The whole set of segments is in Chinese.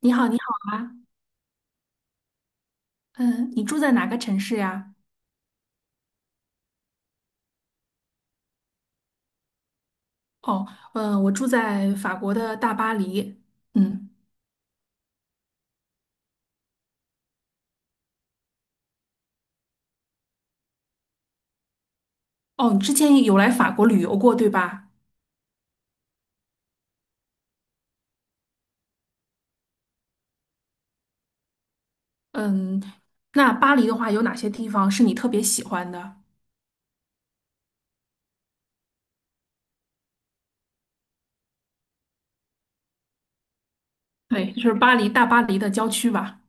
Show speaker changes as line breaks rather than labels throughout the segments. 你好，你好啊，嗯，你住在哪个城市呀？哦，嗯，我住在法国的大巴黎。嗯，哦，你之前有来法国旅游过，对吧？嗯，那巴黎的话，有哪些地方是你特别喜欢的？对，就是巴黎，大巴黎的郊区吧。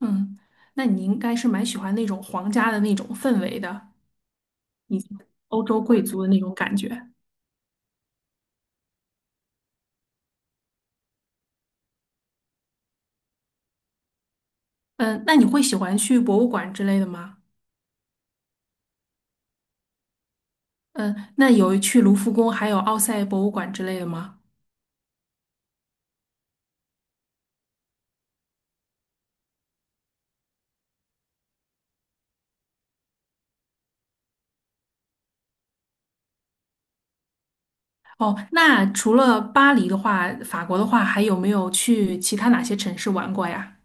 嗯，那你应该是蛮喜欢那种皇家的那种氛围的，你欧洲贵族的那种感觉。嗯，那你会喜欢去博物馆之类的吗？嗯，那有去卢浮宫，还有奥赛博物馆之类的吗？哦，那除了巴黎的话，法国的话，还有没有去其他哪些城市玩过呀？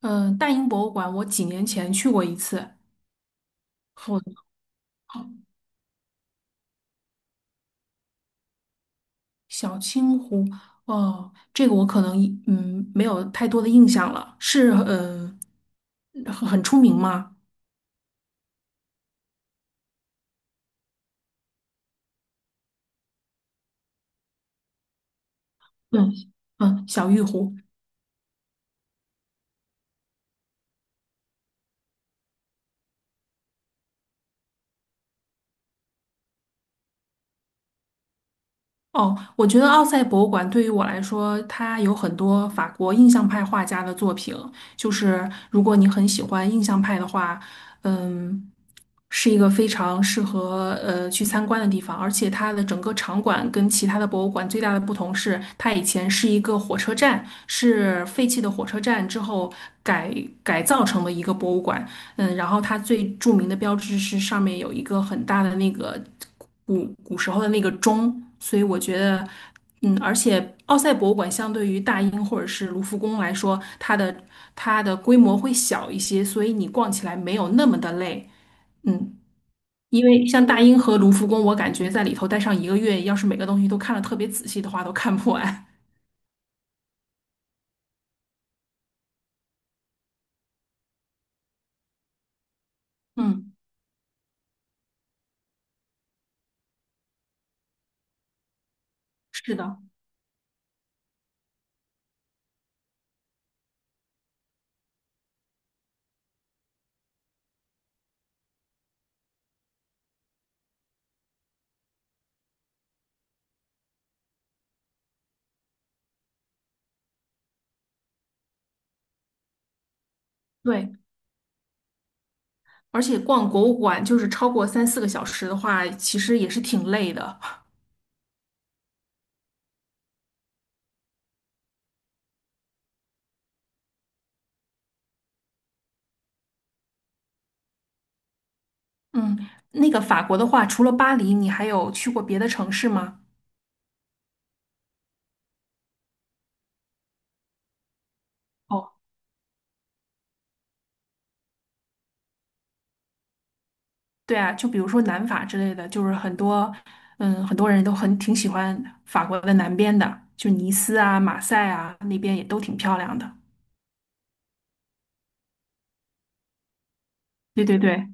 嗯、大英博物馆我几年前去过一次，哦，小青湖，哦，这个我可能没有太多的印象了，是很出名吗？嗯嗯，小玉湖。哦，我觉得奥赛博物馆对于我来说，它有很多法国印象派画家的作品。就是如果你很喜欢印象派的话，嗯，是一个非常适合去参观的地方。而且它的整个场馆跟其他的博物馆最大的不同是，它以前是一个火车站，是废弃的火车站之后改改造成的一个博物馆。嗯，然后它最著名的标志是上面有一个很大的那个。古时候的那个钟，所以我觉得，嗯，而且奥赛博物馆相对于大英或者是卢浮宫来说，它的规模会小一些，所以你逛起来没有那么的累，嗯，因为像大英和卢浮宫，我感觉在里头待上一个月，要是每个东西都看得特别仔细的话，都看不完。嗯，是的，对，而且逛博物馆就是超过三四个小时的话，其实也是挺累的。嗯，那个法国的话，除了巴黎，你还有去过别的城市吗？哦对啊，就比如说南法之类的，就是很多，嗯，很多人都很挺喜欢法国的南边的，就尼斯啊、马赛啊那边也都挺漂亮的。对对对，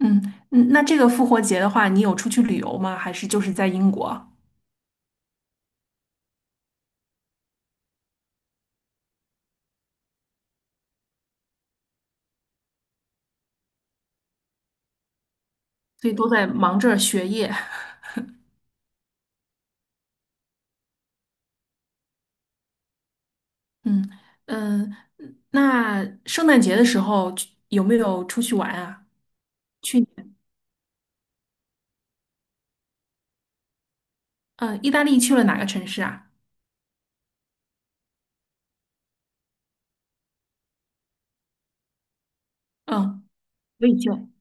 嗯嗯，那这个复活节的话，你有出去旅游吗？还是就是在英国？所以都在忙着学业。嗯嗯，那圣诞节的时候去有没有出去玩啊？嗯，意大利去了哪个城市啊？嗯，我以前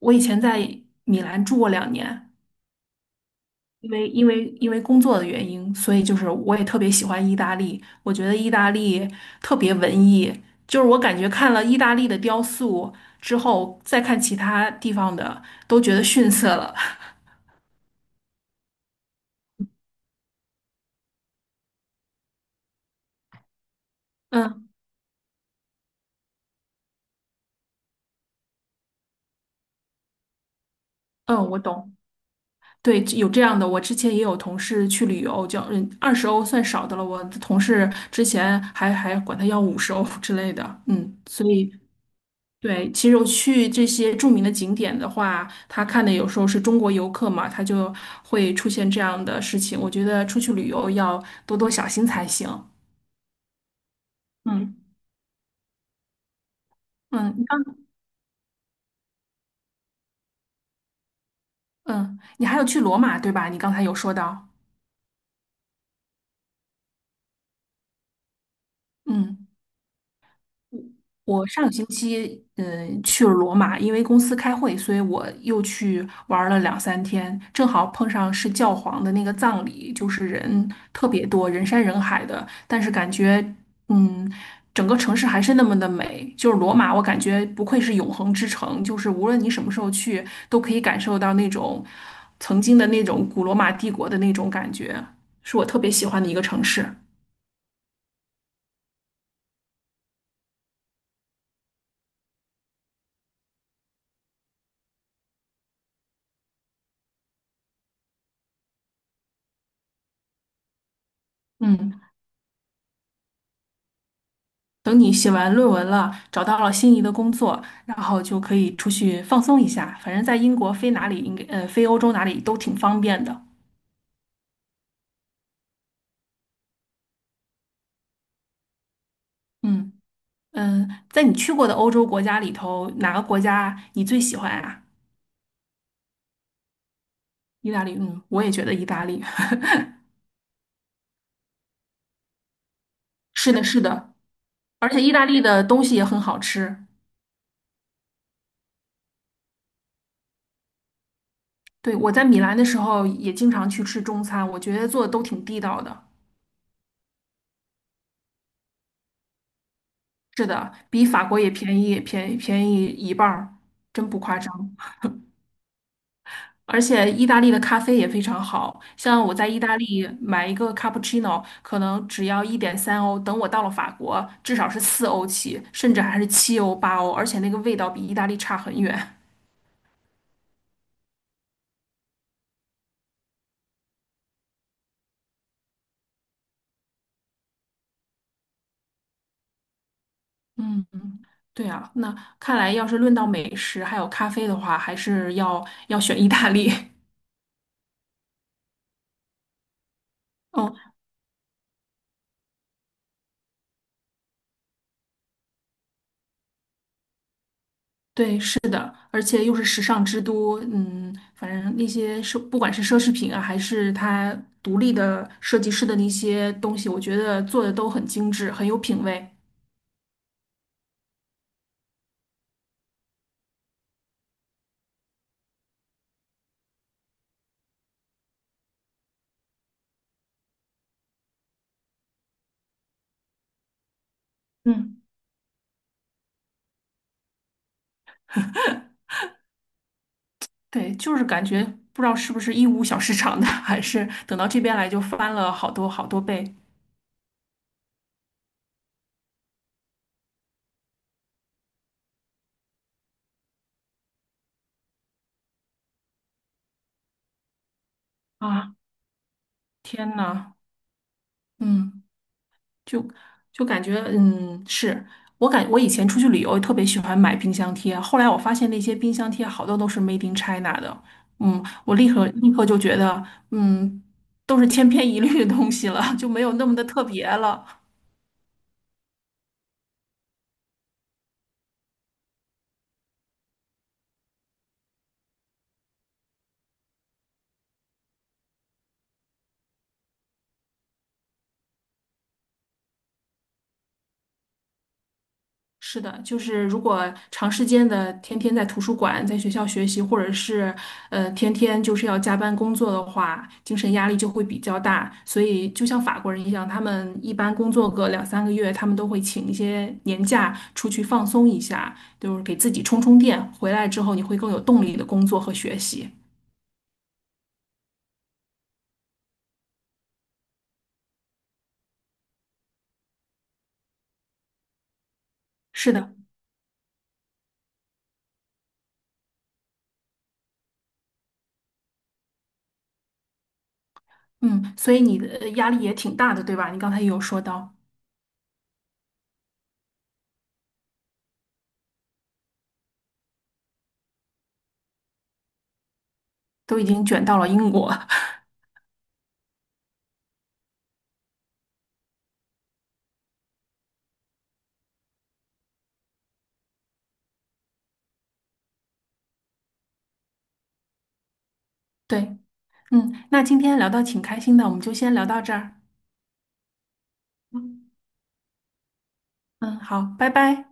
我以前在米兰住过2年。因为工作的原因，所以就是我也特别喜欢意大利。我觉得意大利特别文艺，就是我感觉看了意大利的雕塑之后，再看其他地方的，都觉得逊色了。嗯嗯，我懂。对，有这样的。我之前也有同事去旅游，叫20欧算少的了。我的同事之前还管他要50欧之类的。嗯，所以对，其实我去这些著名的景点的话，他看的有时候是中国游客嘛，他就会出现这样的事情。我觉得出去旅游要多多小心才行。嗯嗯，你刚嗯，你还有去罗马对吧？你刚才有说到，嗯。我上个星期去了罗马，因为公司开会，所以我又去玩了两三天，正好碰上是教皇的那个葬礼，就是人特别多，人山人海的，但是感觉嗯，整个城市还是那么的美，就是罗马，我感觉不愧是永恒之城，就是无论你什么时候去，都可以感受到那种曾经的那种古罗马帝国的那种感觉，是我特别喜欢的一个城市。嗯。等你写完论文了，找到了心仪的工作，然后就可以出去放松一下。反正在英国飞哪里应该，飞欧洲哪里都挺方便的。嗯嗯，在你去过的欧洲国家里头，哪个国家你最喜欢啊？意大利，嗯，我也觉得意大利。是的，是的，而且意大利的东西也很好吃。对，我在米兰的时候也经常去吃中餐，我觉得做的都挺地道的。是的，比法国也便宜，便宜一半儿，真不夸张。而且意大利的咖啡也非常好，像我在意大利买一个 cappuccino，可能只要1.3欧，等我到了法国，至少是4欧起，甚至还是7欧、8欧，而且那个味道比意大利差很远。嗯，对啊，那看来要是论到美食还有咖啡的话，还是要选意大利。嗯，对，是的，而且又是时尚之都，嗯，反正那些奢，不管是奢侈品啊，还是它独立的设计师的那些东西，我觉得做的都很精致，很有品味。嗯，对，就是感觉不知道是不是义乌小市场的，还是等到这边来就翻了好多好多倍啊！天呐，嗯。就就感觉，嗯，我以前出去旅游特别喜欢买冰箱贴，后来我发现那些冰箱贴好多都是 Made in China 的，嗯，我立刻立刻就觉得，嗯，都是千篇一律的东西了，就没有那么的特别了。是的，就是如果长时间的天天在图书馆、在学校学习，或者是天天就是要加班工作的话，精神压力就会比较大。所以就像法国人一样，他们一般工作个两三个月，他们都会请一些年假出去放松一下，就是给自己充充电。回来之后，你会更有动力的工作和学习。是的，嗯，所以你的压力也挺大的，对吧？你刚才也有说到，都已经卷到了英国。对，嗯，那今天聊到挺开心的，我们就先聊到这儿。嗯，嗯好，拜拜。